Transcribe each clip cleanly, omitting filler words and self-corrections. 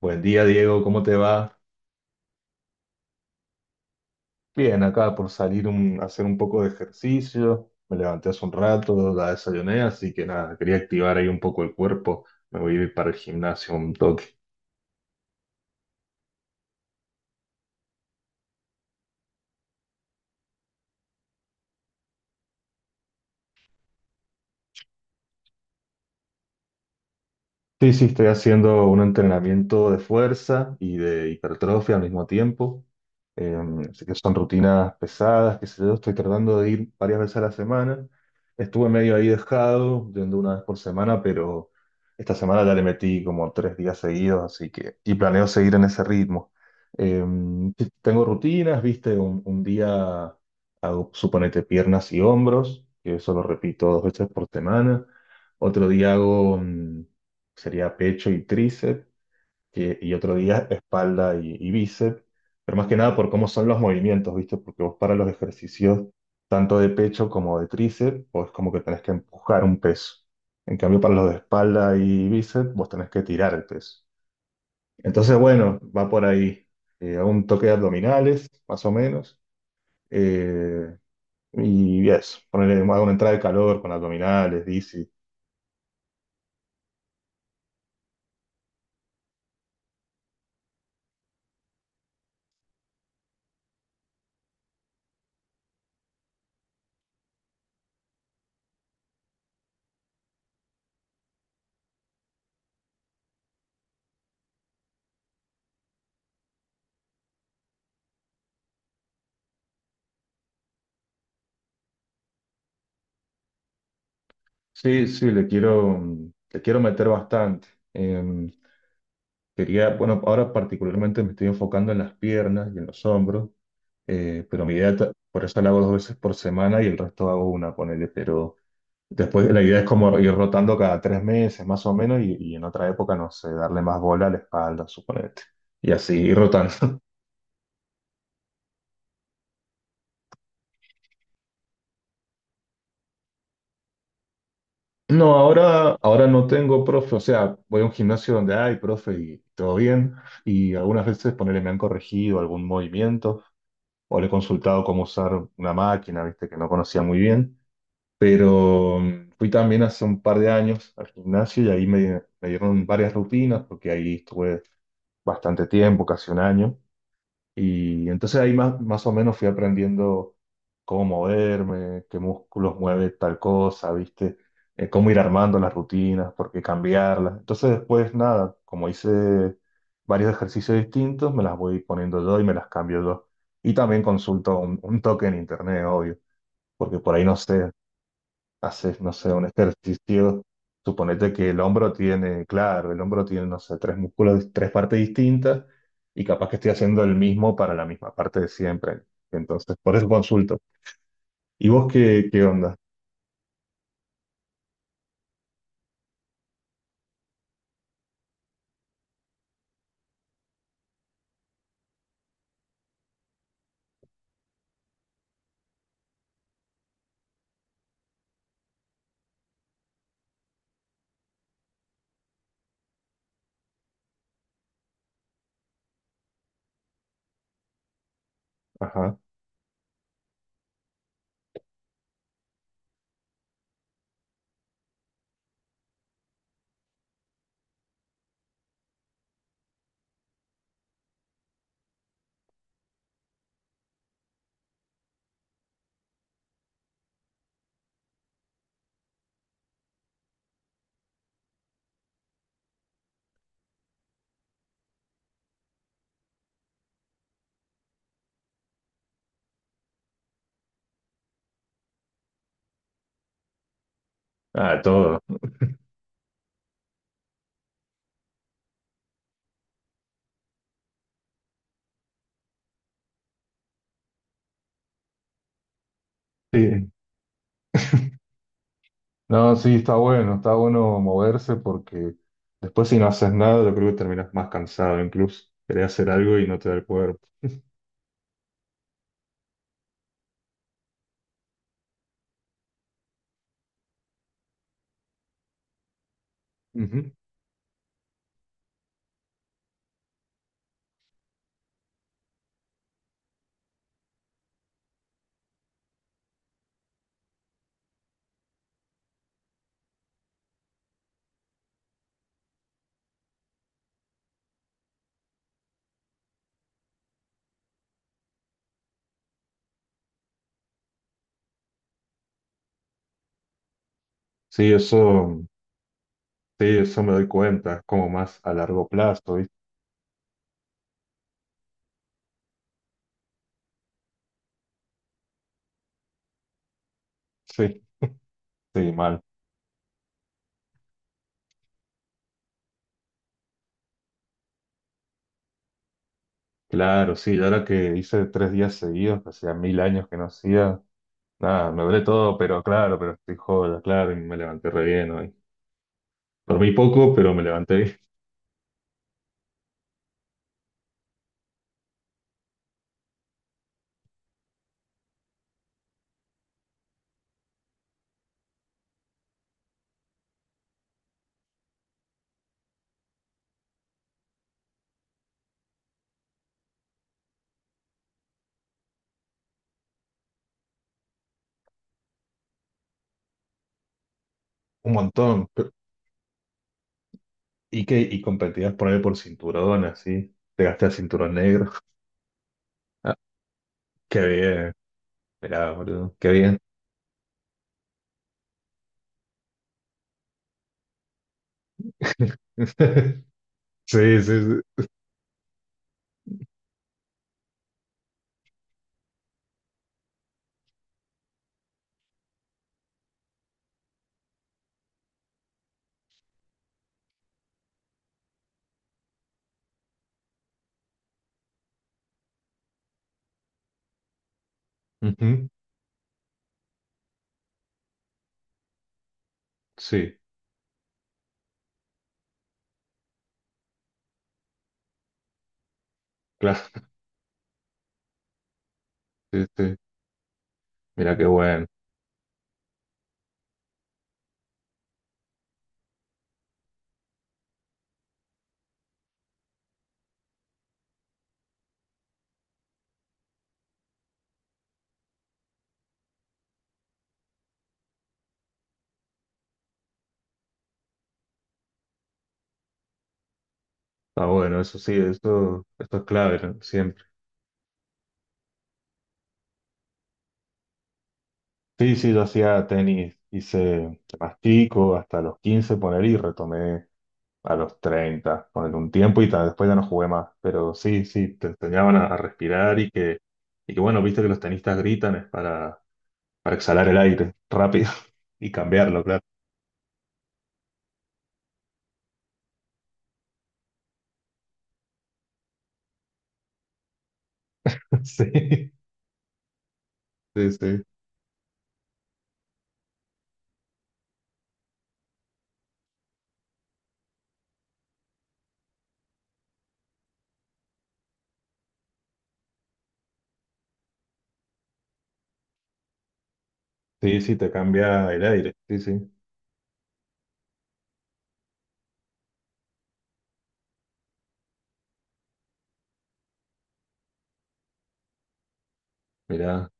Buen día, Diego, ¿cómo te va? Bien, acá por a hacer un poco de ejercicio. Me levanté hace un rato, la desayuné, así que nada, quería activar ahí un poco el cuerpo. Me voy a ir para el gimnasio un toque. Sí, sí, estoy haciendo un entrenamiento de fuerza y de hipertrofia al mismo tiempo. Eh, Así que son rutinas pesadas, que sé yo, estoy tratando de ir varias veces a la semana. Estuve medio ahí dejado, yendo una vez por semana, pero esta semana ya le metí como 3 días seguidos, así que, y planeo seguir en ese ritmo. Eh, sí, tengo rutinas, viste, un día hago, suponete, piernas y hombros, que eso lo repito 2 veces por semana. Otro día hago sería pecho y tríceps, y otro día espalda y bíceps, pero más que nada por cómo son los movimientos, ¿viste? Porque vos para los ejercicios tanto de pecho como de tríceps, vos es como que tenés que empujar un peso. En cambio, para los de espalda y bíceps, vos tenés que tirar el peso. Entonces, bueno, va por ahí. Hago un toque de abdominales, más o menos. eh, y eso, ponerle hago una entrada de calor con abdominales, dice. Sí, sí, le quiero meter bastante. Eh, Quería, bueno, ahora particularmente me estoy enfocando en las piernas y en los hombros, pero mi idea, por eso la hago 2 veces por semana y el resto hago una, ponele, pero después la idea es como ir rotando cada 3 meses más o menos y en otra época, no sé, darle más bola a la espalda, suponete, y así ir rotando. No, ahora no tengo profe, o sea, voy a un gimnasio donde hay profe y todo bien, y algunas veces ponele me han corregido algún movimiento o le he consultado cómo usar una máquina, viste, que no conocía muy bien. Pero fui también hace un par de años al gimnasio y ahí me dieron varias rutinas porque ahí estuve bastante tiempo, casi un año. Y entonces ahí más o menos fui aprendiendo cómo moverme, qué músculos mueve tal cosa, ¿viste? Cómo ir armando las rutinas, por qué cambiarlas. Entonces después nada, como hice varios ejercicios distintos, me las voy poniendo yo y me las cambio yo. Y también consulto un toque en internet, obvio, porque por ahí no sé haces, no sé, un ejercicio, suponete que el hombro tiene, claro, el hombro tiene, no sé, tres músculos, tres partes distintas y capaz que estoy haciendo el mismo para la misma parte de siempre. Entonces, por eso consulto. ¿Y vos qué, qué onda? Ajá. Ah, todo. Sí. No, sí, está bueno moverse porque después si no haces nada, yo creo que terminas más cansado incluso. Querés hacer algo y no te da el cuerpo. Ujú. Sí, eso, sí, eso me doy cuenta, es como más a largo plazo, ¿viste? Sí. Sí, mal. Claro, sí, y ahora que hice 3 días seguidos, que hacía mil años que no hacía, nada, me duele todo, pero claro, pero estoy joda, claro, y me levanté re bien hoy. Dormí poco, pero me levanté. Un montón. Y que, ¿y competías por ahí por cinturón, así? Te gasté el cinturón negro. Ah, qué bien, mirá, boludo, qué bien. Sí, sí, sí. Ujú. Sí, claro, sí, sí. Mira qué bueno. Está bueno, eso sí, eso, esto es clave, ¿no? Siempre. Sí, sí, yo hacía tenis, hice más chico, hasta los 15 poner y retomé a los 30, poner un tiempo y tal, después ya no jugué más, pero sí, sí, te enseñaban a respirar y que bueno, viste que los tenistas gritan es para exhalar el aire rápido y cambiarlo, claro. Sí, sí, sí, sí, sí, te cambia el aire, sí, sí, mirá.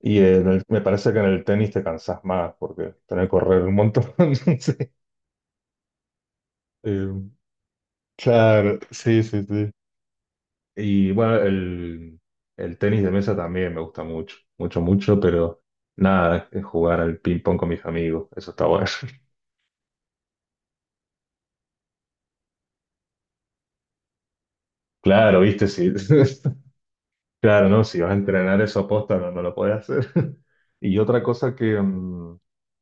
Y en el- me parece que en el tenis te cansás más porque tenés que correr un montón. Sí. Eh, claro, sí, sí, sí. Y bueno, el tenis de mesa también me gusta mucho, mucho, mucho, pero nada, es jugar al ping pong con mis amigos, eso está bueno. Claro, viste, sí. Claro, no, si vas a entrenar eso posta no, no lo podés hacer. Y otra cosa que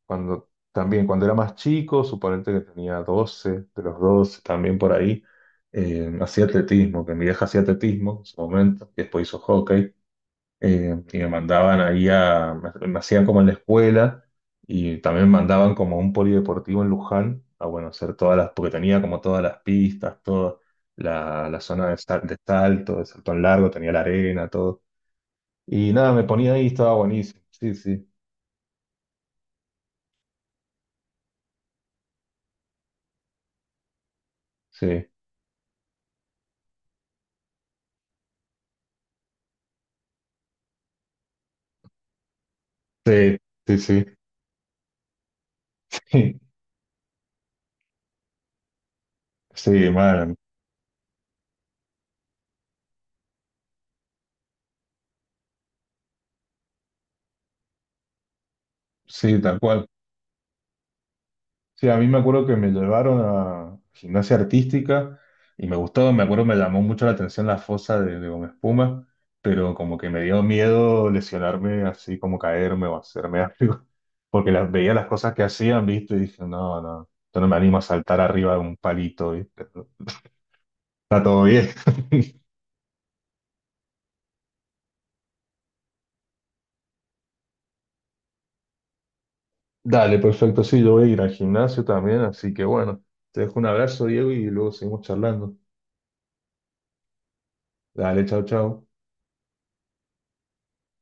cuando también, cuando era más chico, suponente que tenía 12 de los 12 también por ahí, hacía atletismo, que mi vieja hacía atletismo en su momento, y después hizo hockey. Y me mandaban ahí a, me hacían como en la escuela y también me mandaban como a un polideportivo en Luján, a bueno, hacer todas las, porque tenía como todas las pistas, toda la zona de, de salto en largo, tenía la arena, todo. Y nada, me ponía ahí, estaba buenísimo. Sí, sí, sí, sí, sí, sí, sí, man, sí, tal cual. Sí, a mí me acuerdo que me llevaron a gimnasia artística y me gustó, me acuerdo me llamó mucho la atención la fosa de Gómez Puma, pero como que me dio miedo lesionarme así como caerme o hacerme algo, porque las, veía las cosas que hacían, ¿viste? Y dije, no, no, yo no me animo a saltar arriba de un palito, ¿viste? Está todo bien. Dale, perfecto, sí, yo voy a ir al gimnasio también, así que bueno, te dejo un abrazo, Diego, y luego seguimos charlando. Dale, chao, chao.